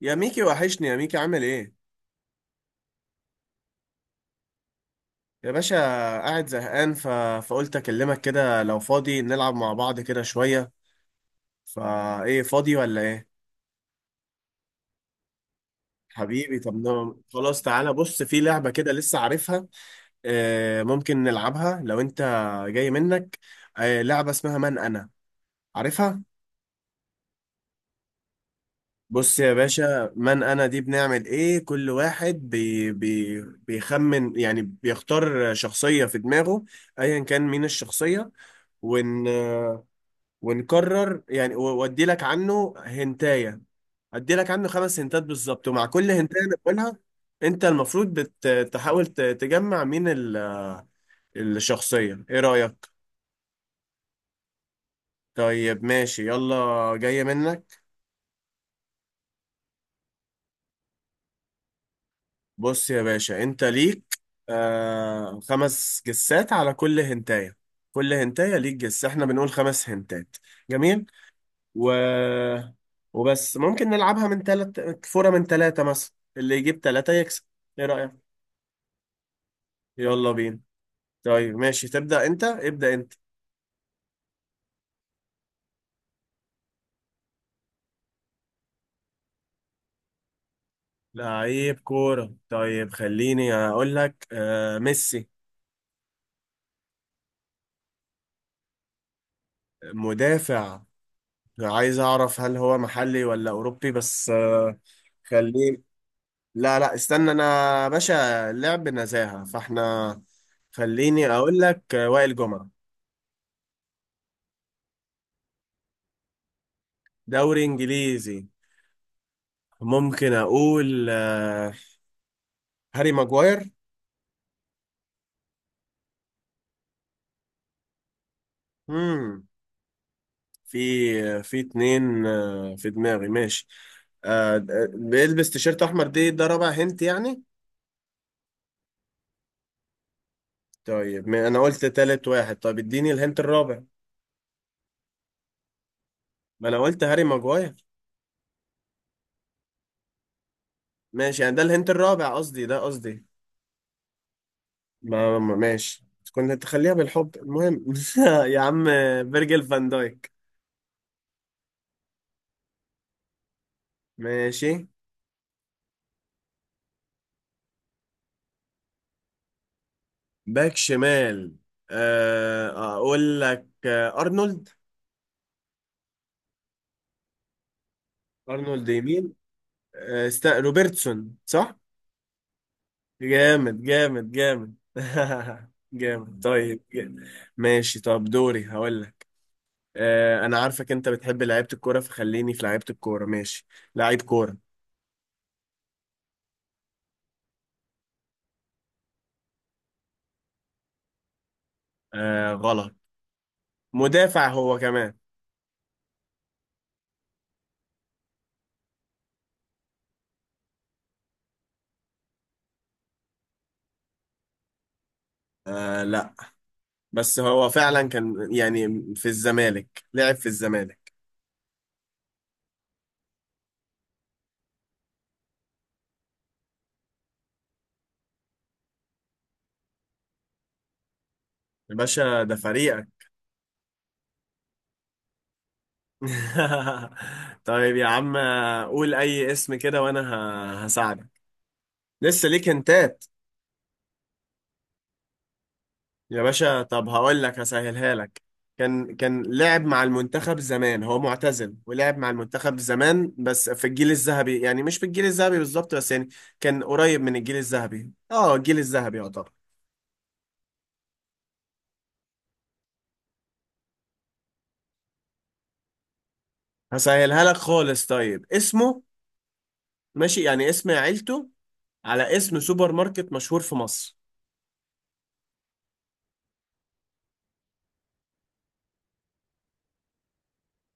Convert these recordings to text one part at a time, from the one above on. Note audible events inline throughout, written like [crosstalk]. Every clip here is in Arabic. يا ميكي، وحشني يا ميكي، عامل ايه؟ يا باشا. قاعد زهقان، فقلت اكلمك كده لو فاضي نلعب مع بعض كده شوية. فايه، فاضي ولا ايه؟ حبيبي، طب خلاص، تعالى بص في لعبة كده لسه عارفها. آه، ممكن نلعبها لو انت جاي منك. آه، لعبة اسمها من انا، عارفها؟ بص يا باشا، من انا دي بنعمل ايه، كل واحد بيخمن، يعني بيختار شخصية في دماغه، ايا كان مين الشخصية. ون ونكرر يعني، وادي لك عنه هنتايه، ادي لك عنه خمس هنتات بالظبط، ومع كل هنتايه انا بقولها، انت المفروض بتحاول تجمع مين الشخصيه. ايه رايك؟ طيب ماشي، يلا جايه منك. بص يا باشا، انت ليك خمس جسات على كل هنتايه. كل هنتايه ليك جس، احنا بنقول خمس هنتات. جميل. و وبس، ممكن نلعبها من ثلاث فورة، من ثلاثة مثلا اللي يجيب ثلاثة يكسب. ايه رأيك؟ يلا بينا. طيب ماشي، تبدأ انت، ابدأ انت. لعيب كورة. طيب خليني اقول لك ميسي. مدافع. عايز اعرف هل هو محلي ولا اوروبي بس. خليني. لا، لا، استنى انا باشا، لعب نزاهة فاحنا. خليني اقول لك وائل جمعة. دوري انجليزي. ممكن اقول هاري ماجواير. مم. في اتنين في دماغي، ماشي. آه، بيلبس تيشيرت احمر، دي ده رابع هنت يعني. طيب، ما انا قلت تالت واحد، طب اديني الهنت الرابع. ما انا قلت هاري ماجواير. ماشي، يعني ده الهنت الرابع قصدي، ده قصدي. ماشي. كنت تخليها بالحب، المهم [laughs] يا عم، فيرجل فان دايك. ماشي. باك شمال. آه، اقول لك ارنولد. ارنولد يمين. روبرتسون، صح. جامد جامد جامد [laughs] جامد، طيب جامد. ماشي، طب دوري هقول لك. انا عارفك انت بتحب لعيبة الكورة، فخليني في لعيبة الكورة، ماشي. لعيب كورة. غلط. مدافع هو كمان. لا، بس هو فعلا كان يعني في الزمالك، لعب في الزمالك. يا باشا ده فريقك. [laughs] طيب يا عم، قول اي اسم كده وانا هساعدك، لسه ليك هنتات. يا باشا، طب هقول لك، هسهلها لك. كان لعب مع المنتخب زمان، هو معتزل ولعب مع المنتخب زمان بس في الجيل الذهبي، يعني مش في الجيل الذهبي بالظبط، بس يعني كان قريب من الجيل الذهبي، الجيل الذهبي يعتبر. هسهلها لك خالص، طيب اسمه، ماشي يعني اسم عيلته، على اسم سوبر ماركت مشهور في مصر.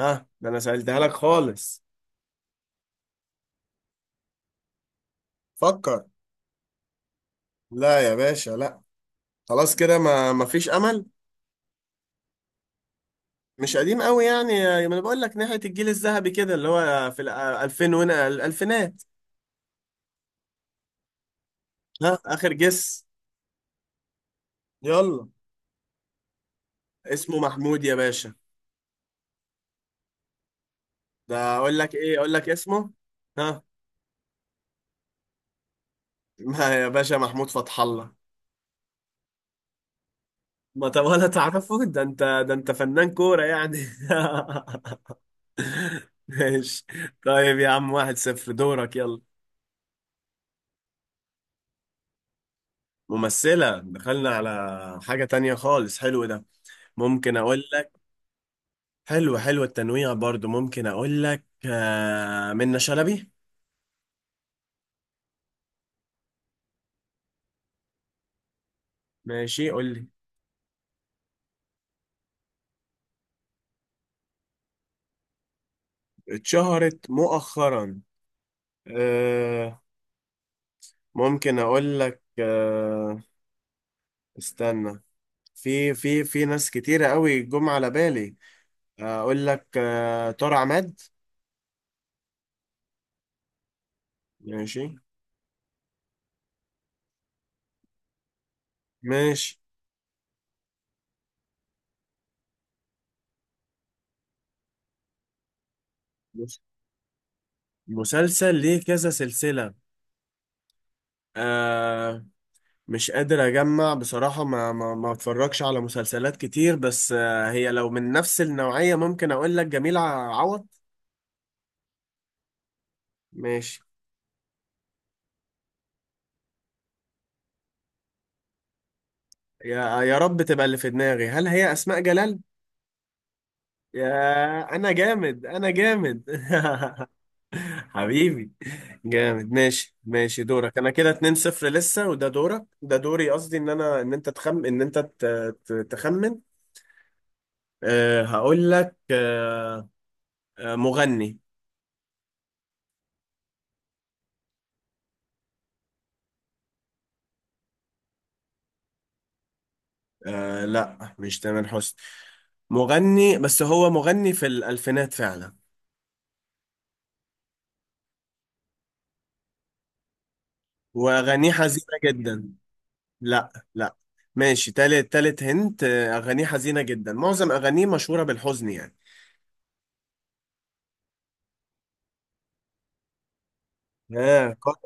ها، ده انا سهلتها لك خالص. فكر. لا يا باشا، لا. خلاص كده ما فيش امل. مش قديم قوي يعني، ما انا بقول لك ناحية الجيل الذهبي كده اللي هو في ال 2000 وهنا الألفينات. ها، آخر جس، يلا. اسمه محمود يا باشا. ده أقول لك إيه، أقول لك اسمه. ها. [laughs] ما يا باشا، محمود فتح الله. ما طب ولا تعرفه، ده أنت، ده أنت فنان كورة يعني. [laughs] ماشي. طيب يا عم، 1-0، دورك، يلا. ممثلة، دخلنا على حاجة تانية خالص، حلو ده. ممكن أقول، حلو، حلو التنويع برضو، ممكن اقول لك منة شلبي. ماشي، قول لي. اتشهرت مؤخرا. آه، ممكن اقول لك استنى، في ناس كتيرة قوي جم على بالي. اقول لك طارق عماد. ماشي، ماشي. مسلسل ليه كذا سلسلة. مش قادر اجمع بصراحة، ما اتفرجش على مسلسلات كتير، بس هي لو من نفس النوعية ممكن اقول لك جميلة عوض. ماشي. يا يا رب تبقى اللي في دماغي، هل هي اسماء جلال؟ يا انا جامد، انا جامد [laughs] حبيبي، جامد. ماشي، ماشي دورك. انا كده 2-0 لسه، وده دورك، ده دوري، قصدي ان انت تخمن. أه، هقول لك أه. مغني. لا، مش تامر حسني، مغني. بس هو مغني في الألفينات فعلا، وأغانيه حزينة جدا. لا، لا. ماشي، تالت، تالت هنت. أغانيه حزينة جدا، معظم أغانيه مشهورة بالحزن يعني. آه ق-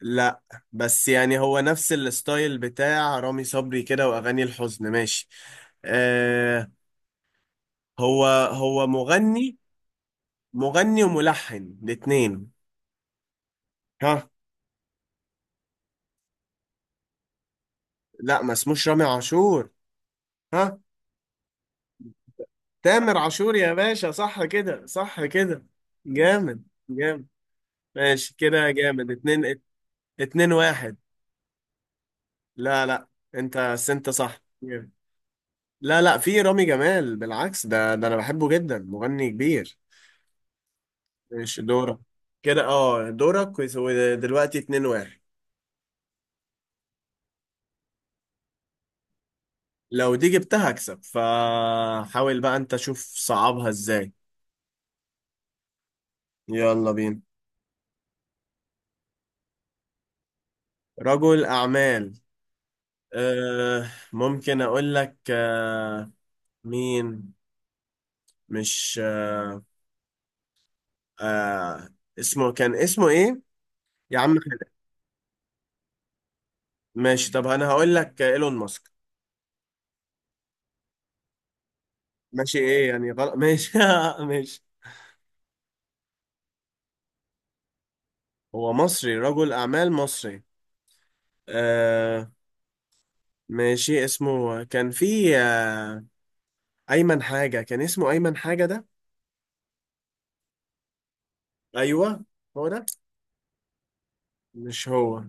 لا، بس يعني هو نفس الستايل بتاع رامي صبري كده، وأغاني الحزن، ماشي. آه هو هو مغني، مغني وملحن الاتنين. ها. لا، ما اسموش رامي عاشور. ها. تامر عاشور يا باشا، صح كده، صح كده، جامد جامد. ماشي كده، جامد، اتنين اتنين واحد. لا، لا، انت بس، انت صح، جامد. لا، لا، في رامي جمال، بالعكس، ده انا بحبه جدا، مغني كبير. ماشي دورك كده، دورك ودلوقتي 2-1. لو دي جبتها اكسب، فحاول بقى انت، شوف صعبها ازاي. يلا بينا. رجل اعمال. أه، ممكن اقول لك أه، مين. مش آه اسمه، كان اسمه ايه، يا عم خالد. ماشي، طب انا هقول لك ايلون ماسك. ماشي، ايه يعني غلط، ماشي [laughs] ماشي. هو مصري، رجل اعمال مصري. آه. ماشي، اسمه كان في ايمن حاجة، كان اسمه ايمن حاجة ده. ايوه، هو ده. مش هو.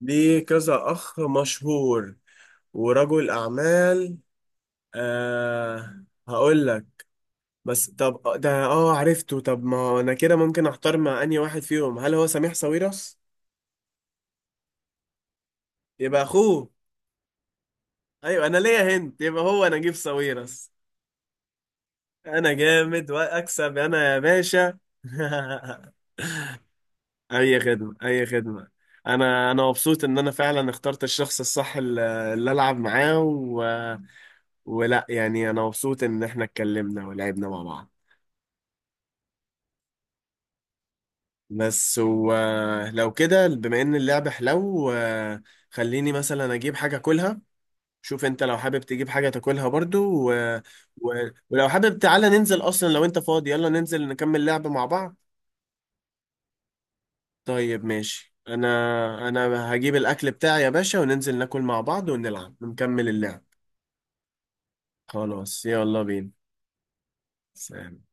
ليه كذا اخ مشهور، ورجل اعمال. هقول لك، بس طب ده عرفته. طب ما انا كده ممكن احتار مع انهي واحد فيهم، هل هو سميح ساويرس؟ يبقى اخوه. ايوه، انا ليا هنت، يبقى هو نجيب ساويرس. انا جامد واكسب انا يا باشا [laughs] اي خدمه، اي خدمه. انا مبسوط ان انا فعلا اخترت الشخص الصح، اللي العب معاه ولا يعني انا مبسوط ان احنا اتكلمنا ولعبنا مع بعض. بس ولو كده، بما ان اللعبه حلو. خليني مثلا اجيب حاجه كلها، شوف انت لو حابب تجيب حاجة تاكلها برضو و... ولو حابب تعالى ننزل، اصلا لو انت فاضي يلا ننزل نكمل لعب مع بعض. طيب ماشي، انا هجيب الاكل بتاعي يا باشا، وننزل ناكل مع بعض ونلعب ونكمل اللعب. خلاص، يلا بينا. سلام.